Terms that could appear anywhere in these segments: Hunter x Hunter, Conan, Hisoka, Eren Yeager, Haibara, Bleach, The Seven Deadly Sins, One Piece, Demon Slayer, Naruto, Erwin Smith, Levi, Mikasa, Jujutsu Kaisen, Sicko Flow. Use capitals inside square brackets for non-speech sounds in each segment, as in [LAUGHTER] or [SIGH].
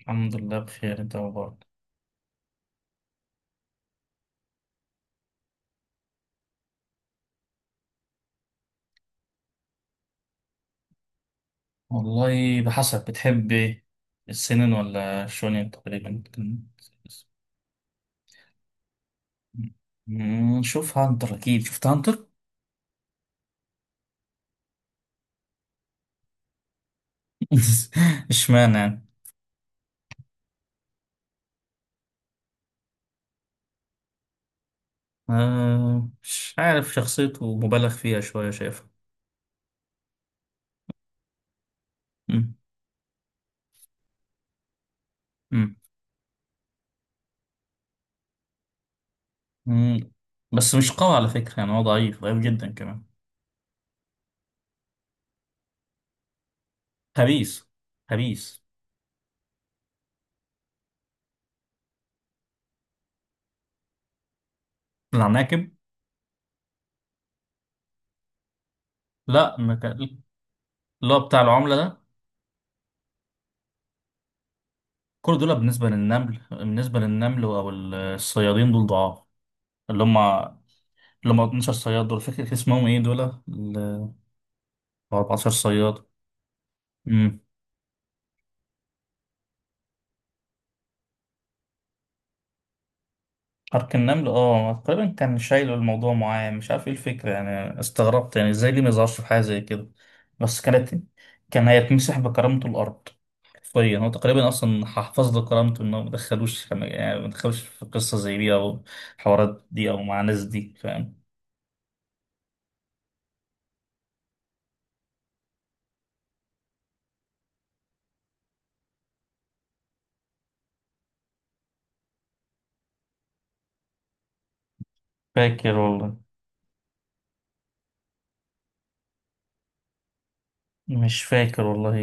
الحمد لله، بخير. انت مبارك؟ والله بحسب، بتحب ايه؟ السنن ولا شونين تقريبا كان؟ شوف هانتر، اكيد شفت هانتر. [LAUGHS] اشمعنى يعني؟ آه، مش عارف، شخصيته مبالغ فيها شوية شايفها. مم. مم. مم. بس مش قوي على فكرة، يعني هو ضعيف ضعيف جدا كمان. خبيث، خبيث. العناكب. لا، ما كان- اللي هو بتاع العملة ده. كل دول بالنسبة للنمل أو الصيادين دول ضعاف. اللي هم اللي هم 12 صياد، دول فاكر كان اسمهم ايه؟ دول ال 14 صياد. امم حرك النمل، تقريبا كان شايله الموضوع معاه، مش عارف ايه الفكرة يعني. استغربت، يعني ازاي ليه ما يظهرش في حاجة زي كده؟ بس كانت... كان هيتمسح بكرامته الأرض حرفيا. هو تقريبا أصلا حفظ له كرامته إنه ما دخلوش في قصة زي دي، أو حوارات دي، أو مع ناس دي، فاهم؟ فاكر والله مش فاكر والله.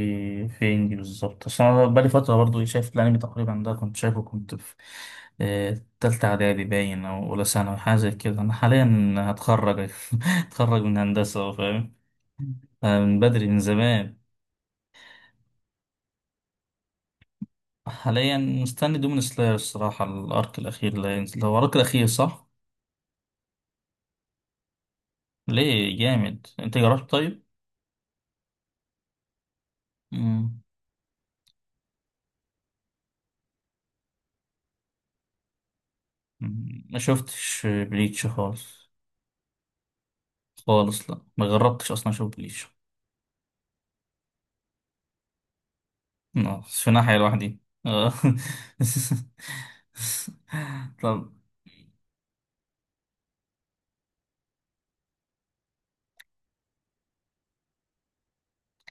فين دي بالظبط؟ اصل انا بقالي فتره برضو شايف الانمي، تقريبا ده كنت شايفه، كنت في تالتة اعدادي باين، او اولى ثانوي حاجه زي كده. انا حاليا هتخرج [LAUGHS] هتخرج من هندسه أهو، فاهم؟ آه، من بدري، من زمان. حاليا مستني دومين سلاير الصراحه، الارك الاخير اللي هينزل هو الارك الاخير، صح؟ ليه، جامد؟ انت جربت طيب؟ مم. ما شفتش بليتش خالص، خالص. لا، ما جربتش اصلا اشوف بليتش. آه، في ناحية لوحدي. آه. [LAUGHS] طب.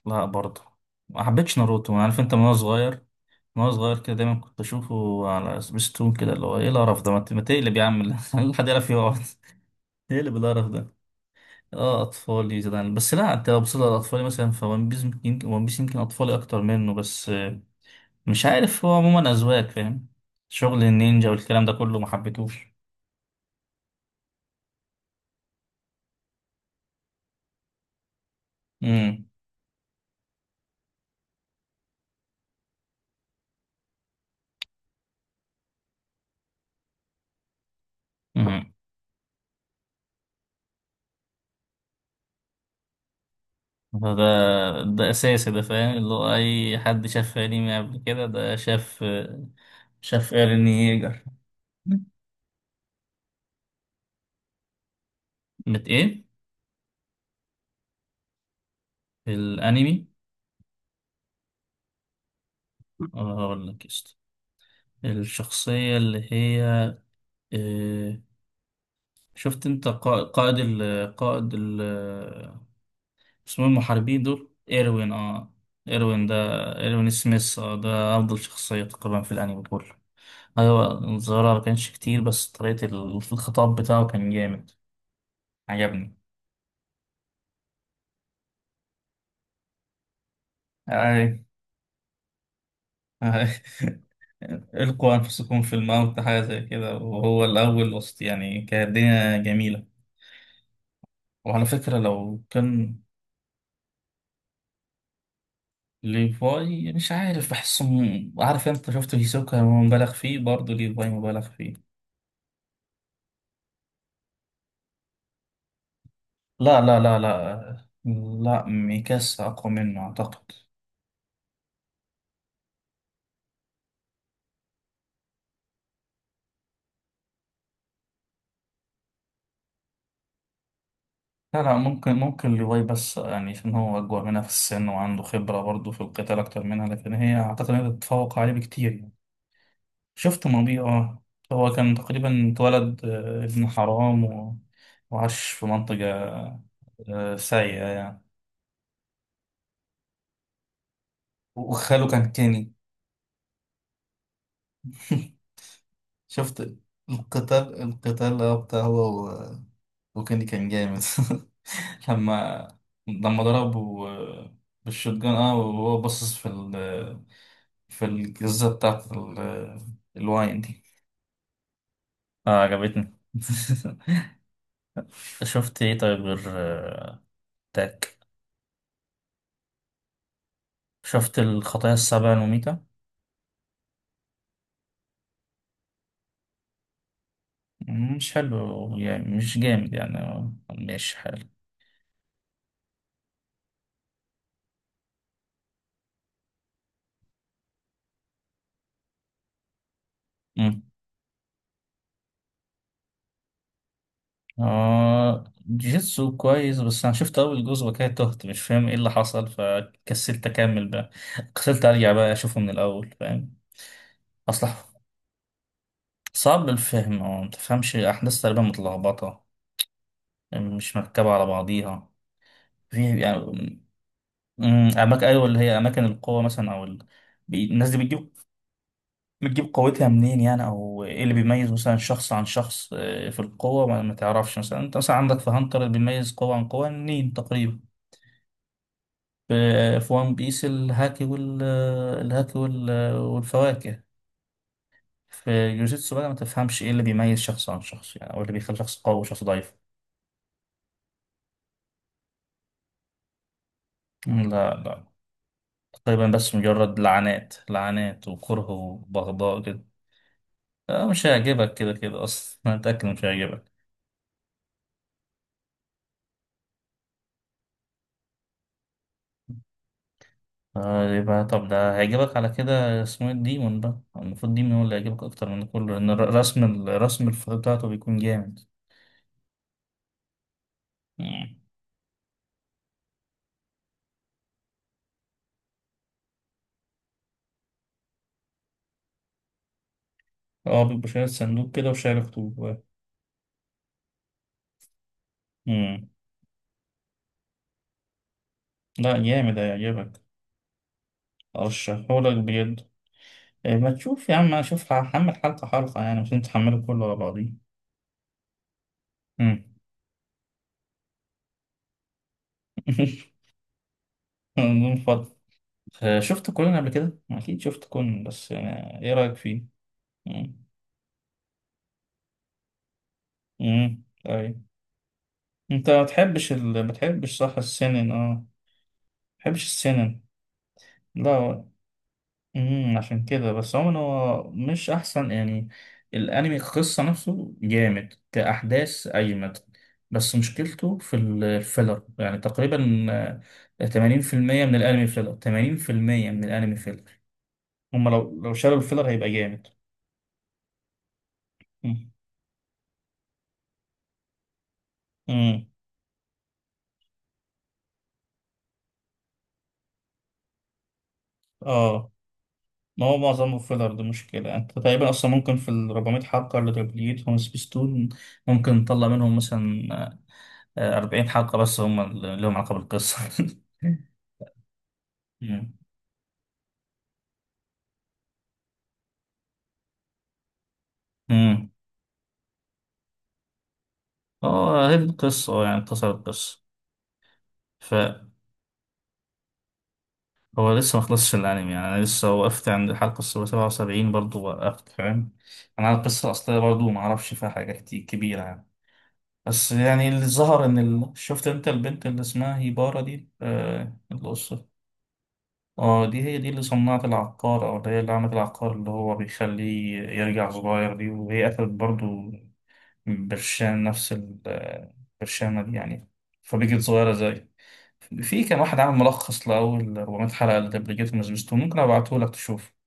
لا برضه، ما حبيتش ناروتو. أنا عارف انت من وانا صغير، كده دايما كنت اشوفه على سبيستون كده، اللي هو ايه القرف ده؟ ما تقلب يا عم. [LAUGHS] اللي حد يعرف يقعد تقلب القرف ده. اه، اطفالي زمان. بس لا، انت لو بصيت على اطفالي مثلا فون بيس يمكن ون بيس يمكن اطفالي اكتر منه. بس مش عارف، هو عموما اذواق فاهم. شغل النينجا والكلام ده كله ما حبيتهوش. امم فده ده أساسي، ده فاهم، اللي هو أي حد شاف أنمي قبل كده ده شاف. شاف إيرين ييجر. بت إيه؟ الأنمي. أقول لك قشطة. الشخصية اللي هي آه، شفت أنت قا- قائد ال قائد ال اسمه إيه المحاربين دول؟ إيروين، أه. إيروين ده، إيروين سميث، أه. ده أفضل شخصية تقريبا في الأنمي كله. أيوة، الظاهرة ما كانش كتير، بس طريقة الخطاب بتاعه كان جامد. عجبني. [LAUGHS] القوا انفسكم في الموت، حاجه زي كده، وهو الاول وسط يعني كانت الدنيا جميله. وعلى فكره لو كان... ليفاي مش عارف، بحسه عارف انت شفت هيسوكا هو مبالغ فيه، برضه ليفاي مبالغ فيه. لا، لا، لا، لا. لا، ميكاسا اقوى منه اعتقد. لا، لا، ممكن ممكن ليفاي، بس يعني عشان هو اكبر منها في السن، وعنده خبره برضه في القتال اكتر منها، لكن هي اعتقد انها تتفوق عليه بكتير. شفت ماضي، اه. هو كان تقريبا اتولد ابن حرام و... وعاش في منطقة سيئة يعني. وخاله كان كيني. [LAUGHS] شفت القتال، بتاع هو و... وكيني كان جامد. [LAUGHS] لما ضربه بالشوتجان، اه. وهو باصص في الجزة بتاعت ال... الواين دي. اه، عجبتني. [LAUGHS] شفت ايه طيب، غير تاك؟ شفت الخطايا السبعة المميتة؟ مش حلو يعني، مش جامد يعني، مش حلو. مم. آه، جيتسو كويس، بس أنا شفت أول جزء وكده تهت، مش فاهم إيه اللي حصل، فكسلت أكمل بقى. كسلت أرجع بقى أشوفه من الأول، فاهم؟ أصلا صعب الفهم، أو متفهمش أحداث، تقريبا متلخبطة. يعني مش مركبة على بعضيها. في يعني... أماكن، أيوة، اللي هي أماكن القوة مثلا، أو ال... الناس دي بتجيب قوتها منين يعني؟ او ايه اللي بيميز مثلا شخص عن شخص في القوة؟ ما تعرفش، مثلا انت مثلا عندك في هانتر اللي بيميز قوة عن قوة منين تقريبا. في في وان بيس الهاكي وال والفواكه. في جوجيتسو بقى، ما تفهمش ايه اللي بيميز شخص عن شخص يعني، او اللي بيخلي شخص قوي وشخص ضعيف. لا، لا. تقريبا بس مجرد لعنات، لعنات وكره وبغضاء كده. آه، مش هيعجبك كده كده، اصلا انا متأكد إنه مش هيعجبك. يبقى طب ده هيعجبك على كده، اسمه ايه الديمون بقى، المفروض ديمون هو اللي هيعجبك اكتر من كله، لان رسم الرسم بتاعته بيكون جامد. مم. اه، بيبقى شايل صندوق كده وشايل خطوط. مم. لا، جامد، هيعجبك. ارشحهولك بجد. إيه، ما تشوف يا عم، اشوف هحمل حلقة حلقة يعني، مش انت تحمله كله على بعضيه. مم. [LAUGHS] من فضل... آه، شفت كونان قبل كده؟ أكيد شفت كونان، بس يعني إيه رأيك فيه؟ مم. مم. طيب. أنت ما بتحبش صح، السنن، اه. بحبش السينما. لا. عشان كده بس، عموما هو مش احسن يعني. الانمي القصه نفسه جامد كاحداث، اجمد. بس مشكلته في الفيلر يعني تقريبا. 80% من الانمي فيلر، 80% من الانمي فيلر. هما لو شالوا الفيلر هيبقى جامد. امم أمم. اه، ما هو معظمه فيلر، دي مشكلة. انت تقريبا اصلا ممكن في ال 400 حلقة اللي تبليتهم سبيستون، ممكن نطلع منهم مثلا 40 حلقة بس هم اللي لهم علاقة بالقصة. [LAUGHS] مم. مم. اه، هي دي القصة. يعني اختصر القصة، فهو... لسه ما خلصش الأنمي يعني. أنا لسه وقفت عند الحلقة 77، برضه وقفت، فاهم؟ أنا على القصة الأصلية برضه ما أعرفش فيها حاجة كتير كبيرة يعني. بس يعني اللي ظهر إن ال... شفت أنت البنت اللي اسمها هيبارا دي القصة. اه، دي هي دي اللي صنعت العقار، أو اللي هي اللي عملت العقار اللي هو بيخليه يرجع صغير دي، وهي قتلت برضه برشام نفس ال- برشامة دي يعني. فبيجت صغيرة زي... في كان واحد عامل ملخص لأول 400 حلقة لدبلجيت من سبيستون، ممكن أبعته لك تشوف.